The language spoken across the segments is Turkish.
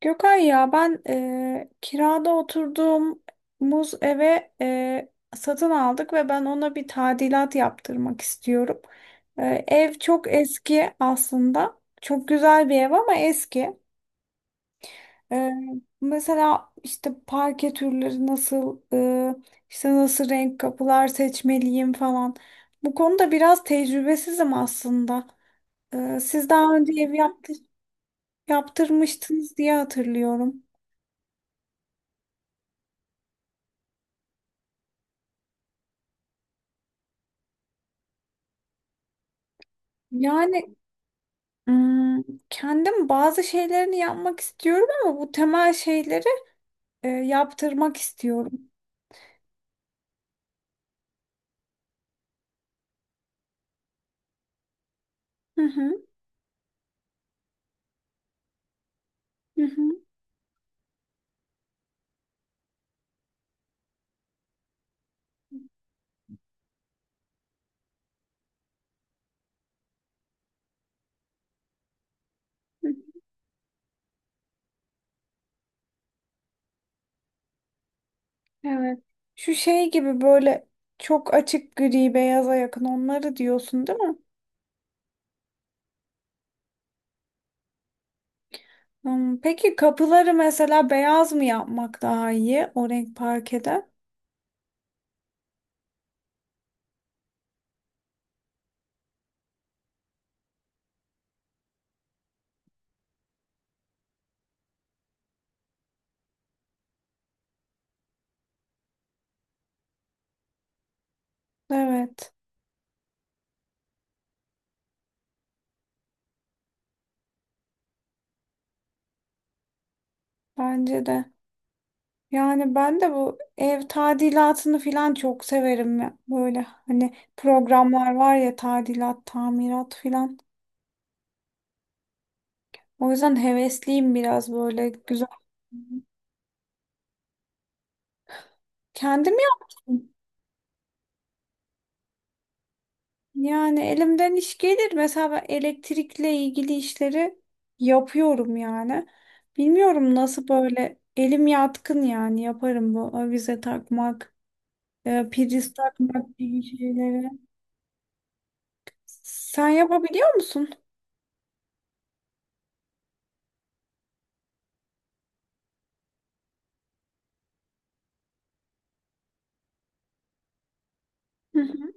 Gökay ya ben kirada oturduğumuz eve satın aldık ve ben ona bir tadilat yaptırmak istiyorum. Ev çok eski aslında. Çok güzel bir ev ama eski. Eee, Mesela işte parke türleri nasıl, işte nasıl renk kapılar seçmeliyim falan. Bu konuda biraz tecrübesizim aslında. Siz daha önce yaptırmıştınız diye hatırlıyorum. Yani hmm, kendim bazı şeylerini yapmak istiyorum ama bu temel şeyleri yaptırmak istiyorum. Hı hı, hı hı, hı. Evet. Şu şey gibi böyle çok açık gri beyaza yakın onları diyorsun değil mi? Hmm, peki kapıları mesela beyaz mı yapmak daha iyi o renk parkede? Evet, bence de. Yani ben de bu ev tadilatını falan çok severim ya. Böyle hani programlar var ya tadilat, tamirat falan. O yüzden hevesliyim biraz böyle güzel. Kendim yaptım. Yani elimden iş gelir. Mesela ben elektrikle ilgili işleri yapıyorum yani. Bilmiyorum nasıl böyle elim yatkın yani yaparım bu avize takmak, priz takmak gibi şeyleri. Sen yapabiliyor musun? Hı hı.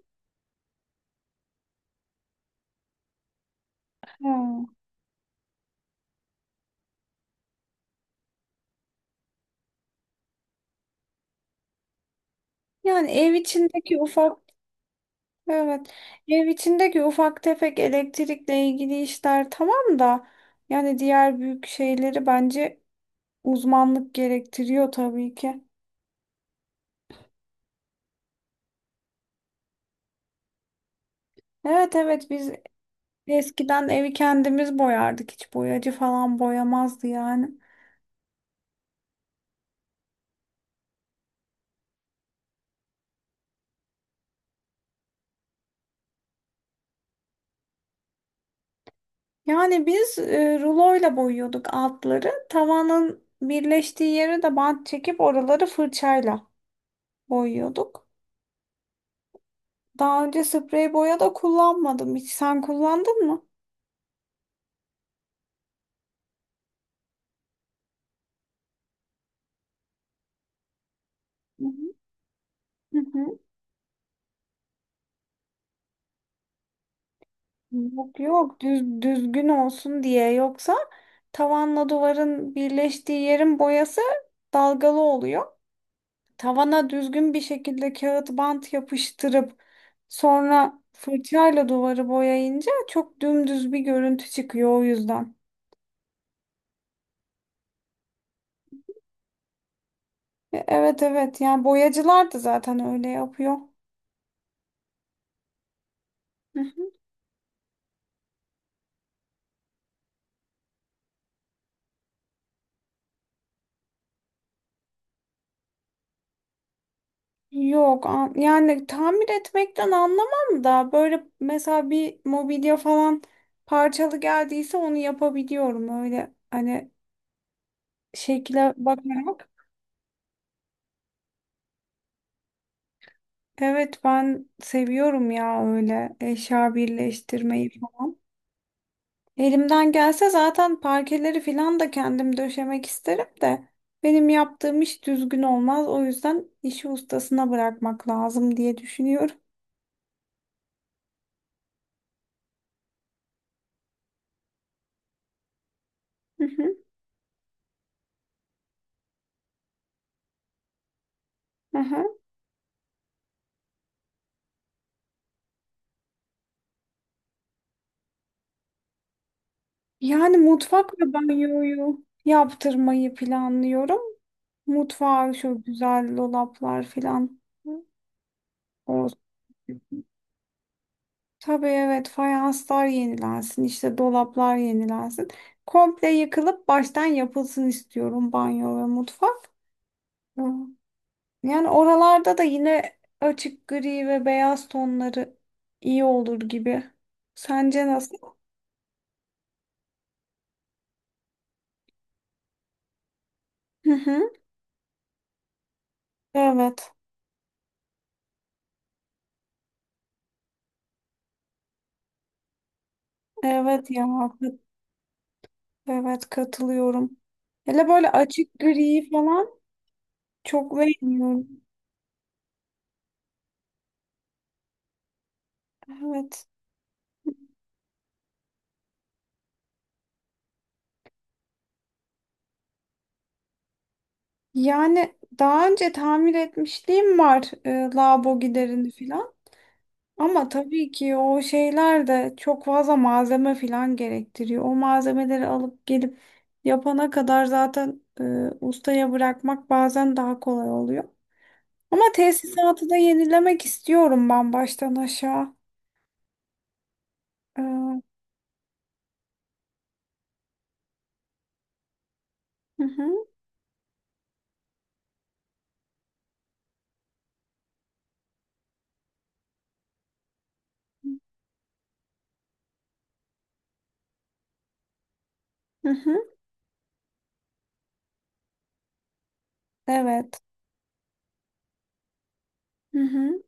Ha. Yani ev içindeki ufak evet. Ev içindeki ufak tefek elektrikle ilgili işler tamam da yani diğer büyük şeyleri bence uzmanlık gerektiriyor tabii ki. Evet evet biz eskiden evi kendimiz boyardık. Hiç boyacı falan boyamazdı yani. Yani biz ruloyla boyuyorduk altları. Tavanın birleştiği yere de bant çekip oraları fırçayla boyuyorduk. Daha önce sprey boya da kullanmadım hiç. Sen kullandın mı? Hı hı. Yok yok düzgün olsun diye yoksa tavanla duvarın birleştiği yerin boyası dalgalı oluyor. Tavana düzgün bir şekilde kağıt bant yapıştırıp sonra fırçayla duvarı boyayınca çok dümdüz bir görüntü çıkıyor o yüzden. Evet evet yani boyacılar da zaten öyle yapıyor. Yok an- Yani tamir etmekten anlamam da böyle mesela bir mobilya falan parçalı geldiyse onu yapabiliyorum öyle hani şekle bakarak. Evet ben seviyorum ya öyle eşya birleştirmeyi falan. Elimden gelse zaten parkeleri falan da kendim döşemek isterim de benim yaptığım iş düzgün olmaz. O yüzden işi ustasına bırakmak lazım diye düşünüyorum. Hı hı. Aha. Yani mutfak ve banyoyu yaptırmayı planlıyorum. Mutfağı şu güzel dolaplar falan olsun. Tabii evet fayanslar yenilensin işte dolaplar yenilensin. Komple yıkılıp baştan yapılsın istiyorum banyo ve mutfak. Hı. Yani oralarda da yine açık gri ve beyaz tonları iyi olur gibi. Sence nasıl? Hı hı. Evet. Evet ya. Evet katılıyorum. Hele böyle açık gri falan çok beğeniyorum. Evet. Yani daha önce tamir etmişliğim var lavabo giderini falan. Ama tabii ki o şeyler de çok fazla malzeme falan gerektiriyor. O malzemeleri alıp gelip yapana kadar zaten ustaya bırakmak bazen daha kolay oluyor. Ama tesisatı da yenilemek istiyorum ben baştan aşağı. Hı hı, hı hı, evet. Hı hı.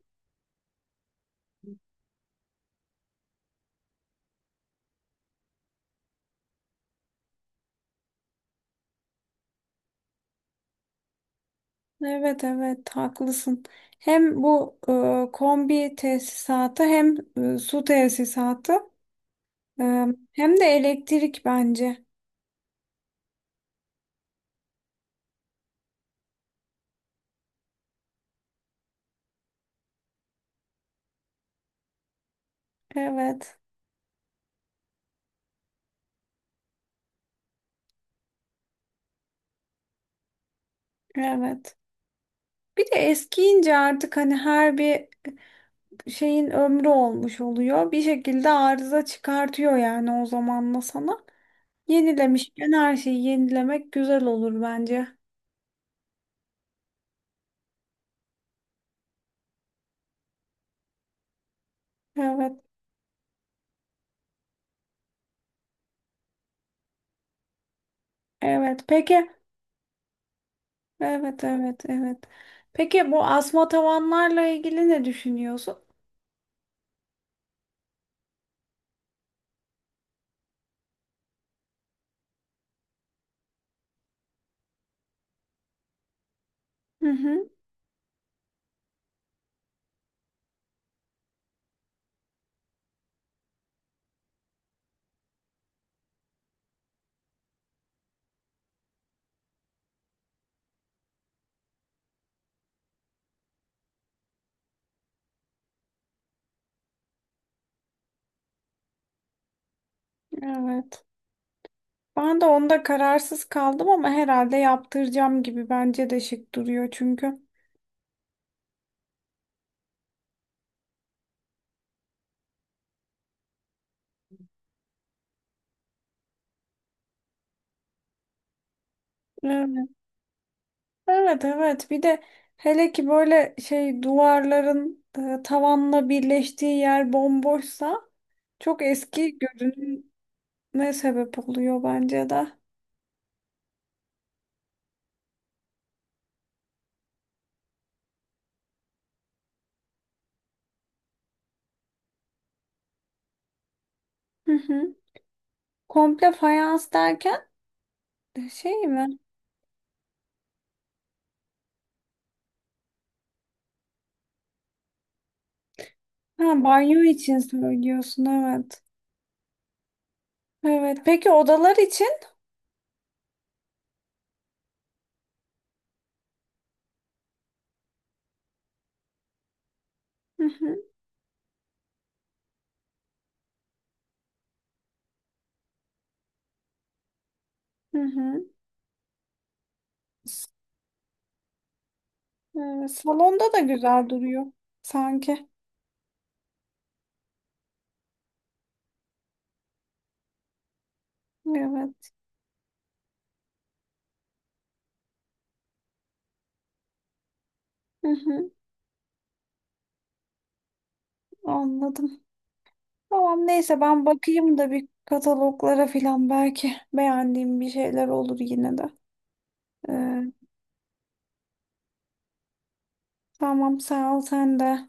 Evet evet haklısın. Hem bu kombi tesisatı hem su tesisatı e, hem de elektrik bence. Evet evet. Bir de eskiyince artık hani her bir şeyin ömrü olmuş oluyor. Bir şekilde arıza çıkartıyor yani o zamanla sana. Yenilemişken her şeyi yenilemek güzel olur bence. Evet evet. Peki evet evet evet. Peki bu asma tavanlarla ilgili ne düşünüyorsun? Hı hı, evet. Ben de onda kararsız kaldım ama herhalde yaptıracağım gibi bence de şık duruyor çünkü. Evet. Evet evet bir de hele ki böyle şey duvarların tavanla birleştiği yer bomboşsa çok eski görünür ne sebep oluyor bence de. Hı hı. Komple fayans derken şey mi? Ha, banyo için söylüyorsun evet. Evet. Peki odalar için? Hı hı. Hı hı. S- evet, salonda da güzel duruyor sanki. Evet. Hı hı. Anladım. Tamam neyse ben bakayım da bir kataloglara filan belki beğendiğim bir şeyler olur yine de. Ee, tamam sağ ol sen de.